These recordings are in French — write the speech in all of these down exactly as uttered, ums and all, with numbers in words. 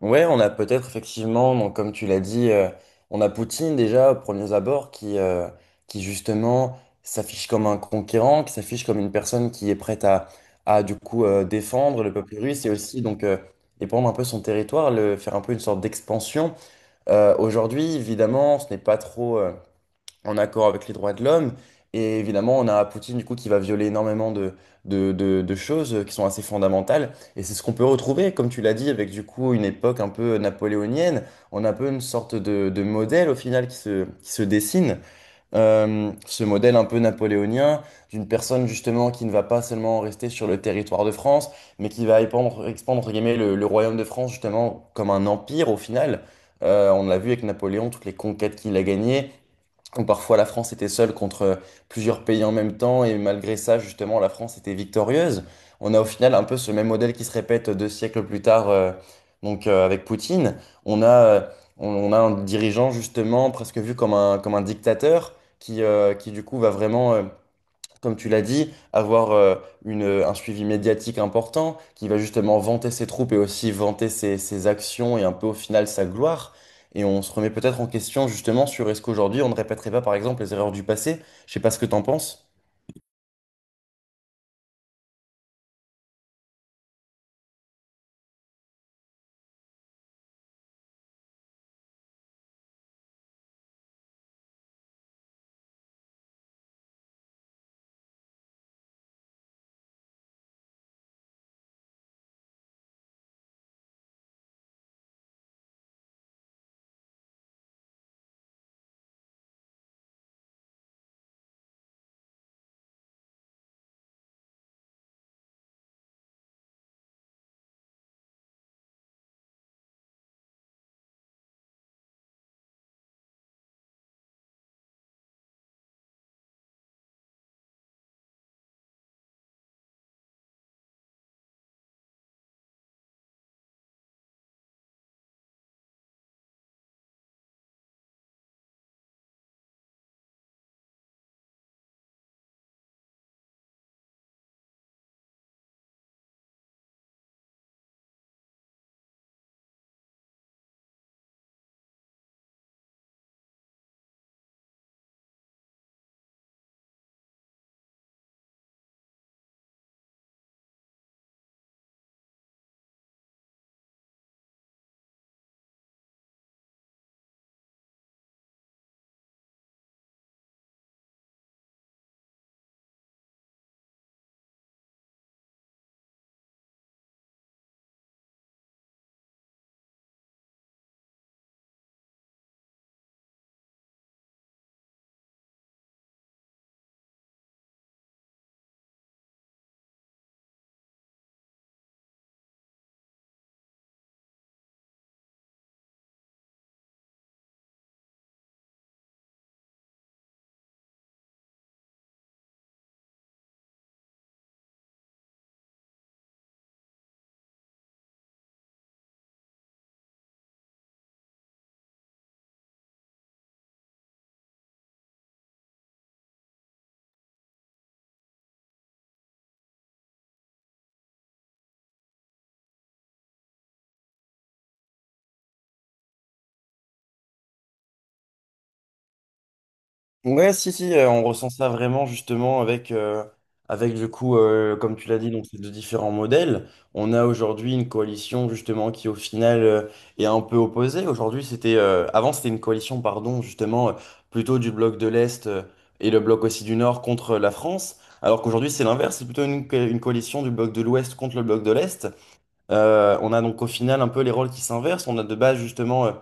Ouais, on a peut-être effectivement, donc comme tu l'as dit, euh, on a Poutine déjà, aux premiers abords, qui, euh, qui justement s'affiche comme un conquérant, qui s'affiche comme une personne qui est prête à, à du coup euh, défendre le peuple russe et aussi donc euh, défendre un peu son territoire, le, faire un peu une sorte d'expansion. Euh, aujourd'hui, évidemment, ce n'est pas trop, euh, en accord avec les droits de l'homme. Et évidemment, on a Poutine du coup qui va violer énormément de, de, de- de choses euh, qui sont assez fondamentales. Et c'est ce qu'on peut retrouver, comme tu l'as dit, avec du coup une époque un peu napoléonienne. On a un peu une sorte de, de modèle au final qui se, qui se dessine. Euh, ce modèle un peu napoléonien d'une personne justement qui ne va pas seulement rester sur le territoire de France, mais qui va épandre- expandre, entre guillemets le, le royaume de France justement comme un empire au final. Euh, on l'a vu avec Napoléon, toutes les conquêtes qu'il a gagnées où parfois la France était seule contre plusieurs pays en même temps, et malgré ça, justement, la France était victorieuse. On a au final un peu ce même modèle qui se répète deux siècles plus tard, euh, donc euh, avec Poutine. On a, euh, on, on a un dirigeant, justement, presque vu comme un, comme un dictateur, qui, euh, qui du coup va vraiment, euh, comme tu l'as dit, avoir euh, une, euh, un suivi médiatique important, qui va justement vanter ses troupes et aussi vanter ses, ses actions et un peu au final sa gloire. Et on se remet peut-être en question justement sur est-ce qu'aujourd'hui on ne répéterait pas par exemple les erreurs du passé. Je sais pas ce que t'en penses. Ouais, si, si, euh, on ressent ça vraiment justement avec, euh, avec du coup, euh, comme tu l'as dit, donc ces deux différents modèles. On a aujourd'hui une coalition justement qui au final euh, est un peu opposée. Aujourd'hui, c'était, euh, avant c'était une coalition, pardon, justement, euh, plutôt du bloc de l'Est euh, et le bloc aussi du Nord contre la France. Alors qu'aujourd'hui, c'est l'inverse, c'est plutôt une, co- une coalition du bloc de l'Ouest contre le bloc de l'Est. Euh, on a donc au final un peu les rôles qui s'inversent. On a de base justement euh,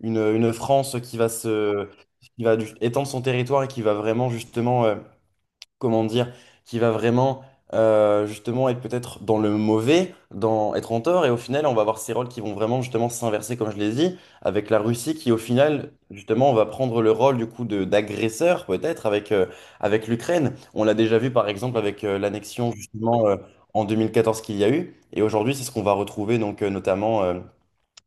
une, une France qui va se, qui va du- étendre son territoire et qui va vraiment justement euh, comment dire, qui va vraiment euh, justement être peut-être dans le mauvais, dans être en tort, et au final on va avoir ces rôles qui vont vraiment justement s'inverser, comme je l'ai dit, avec la Russie qui au final justement va prendre le rôle du coup de d'agresseur peut-être avec euh, avec l'Ukraine. On l'a déjà vu par exemple avec euh, l'annexion justement euh, en deux mille quatorze qu'il y a eu, et aujourd'hui c'est ce qu'on va retrouver donc euh, notamment euh,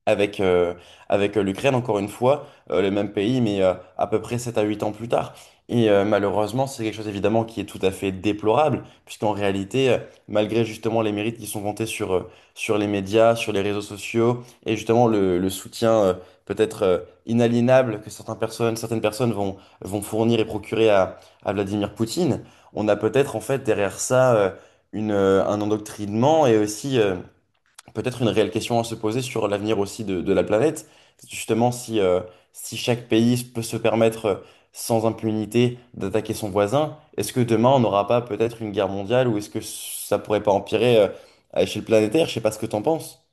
avec, euh, avec euh, l'Ukraine, encore une fois, euh, le même pays, mais euh, à peu près sept à huit ans plus tard. Et euh, malheureusement, c'est quelque chose évidemment qui est tout à fait déplorable, puisqu'en réalité, euh, malgré justement les mérites qui sont vantés sur, euh, sur les médias, sur les réseaux sociaux, et justement le, le soutien euh, peut-être euh, inaliénable que certaines personnes, certaines personnes vont, vont fournir et procurer à, à Vladimir Poutine, on a peut-être en fait derrière ça euh, une, euh, un endoctrinement et aussi euh, peut-être une réelle question à se poser sur l'avenir aussi de, de la planète. Justement, si, euh, si chaque pays peut se permettre euh, sans impunité d'attaquer son voisin, est-ce que demain on n'aura pas peut-être une guerre mondiale ou est-ce que ça pourrait pas empirer euh, à échelle planétaire? Je sais pas ce que t'en penses.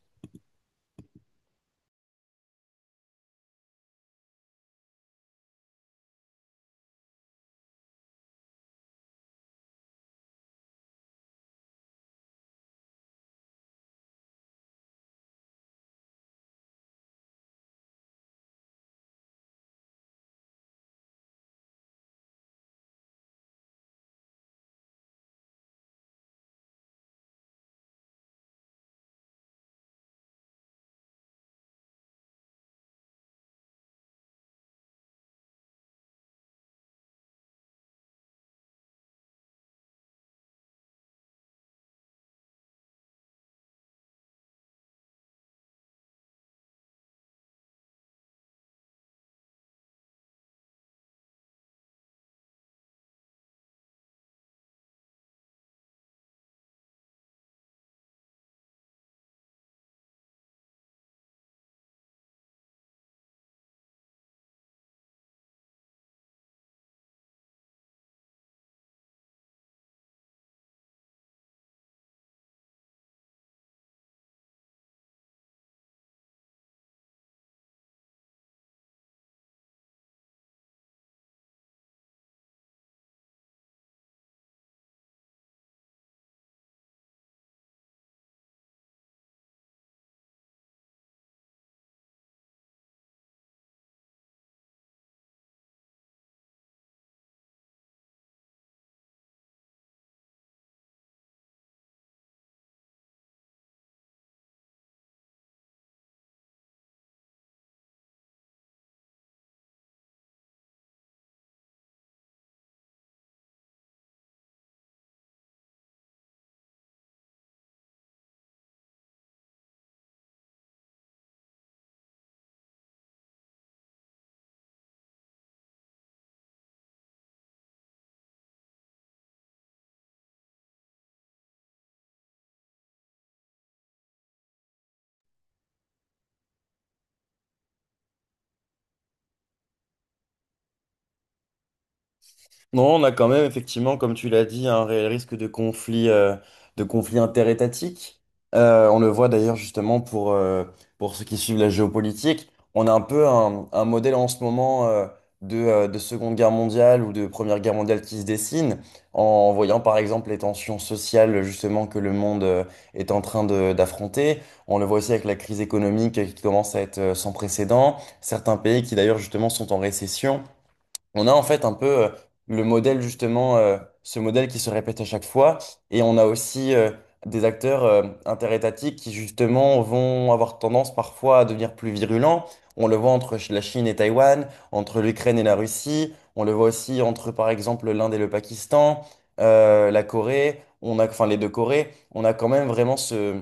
Non, on a quand même effectivement, comme tu l'as dit, un réel risque de conflit, euh, de conflit interétatique. Euh, on le voit d'ailleurs justement pour, euh, pour ceux qui suivent la géopolitique. On a un peu un, un modèle en ce moment euh, de, euh, de Seconde Guerre mondiale ou de Première Guerre mondiale qui se dessine en voyant par exemple les tensions sociales justement que le monde euh, est en train de- d'affronter. On le voit aussi avec la crise économique qui commence à être euh, sans précédent. Certains pays qui d'ailleurs justement sont en récession. On a en fait un peu euh, le modèle justement, euh, ce modèle qui se répète à chaque fois, et on a aussi euh, des acteurs euh, interétatiques qui justement vont avoir tendance parfois à devenir plus virulents. On le voit entre ch- la Chine et Taïwan, entre l'Ukraine et la Russie, on le voit aussi entre par exemple l'Inde et le Pakistan, euh, la Corée, on a, enfin les deux Corées, on a quand même vraiment ce,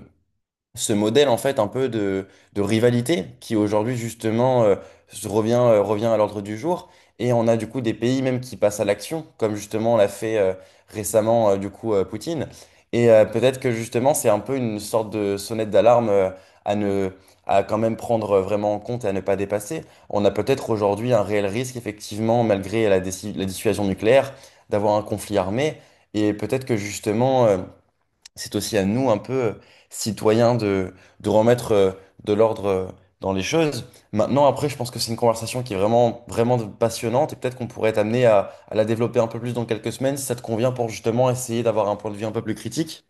ce modèle en fait un peu de, de rivalité qui aujourd'hui justement euh, se revient, euh, revient à l'ordre du jour. Et on a du coup des pays même qui passent à l'action, comme justement l'a fait euh, récemment euh, du coup euh, Poutine. Et euh, peut-être que justement c'est un peu une sorte de sonnette d'alarme euh, à ne, à quand même prendre euh, vraiment en compte et à ne pas dépasser. On a peut-être aujourd'hui un réel risque effectivement, malgré la, déci- la dissuasion nucléaire, d'avoir un conflit armé. Et peut-être que justement euh, c'est aussi à nous, un peu euh, citoyens, de, de remettre euh, de l'ordre euh, dans les choses. Maintenant, après, je pense que c'est une conversation qui est vraiment, vraiment passionnante et peut-être qu'on pourrait être amené à, à la développer un peu plus dans quelques semaines si ça te convient pour justement essayer d'avoir un point de vue un peu plus critique.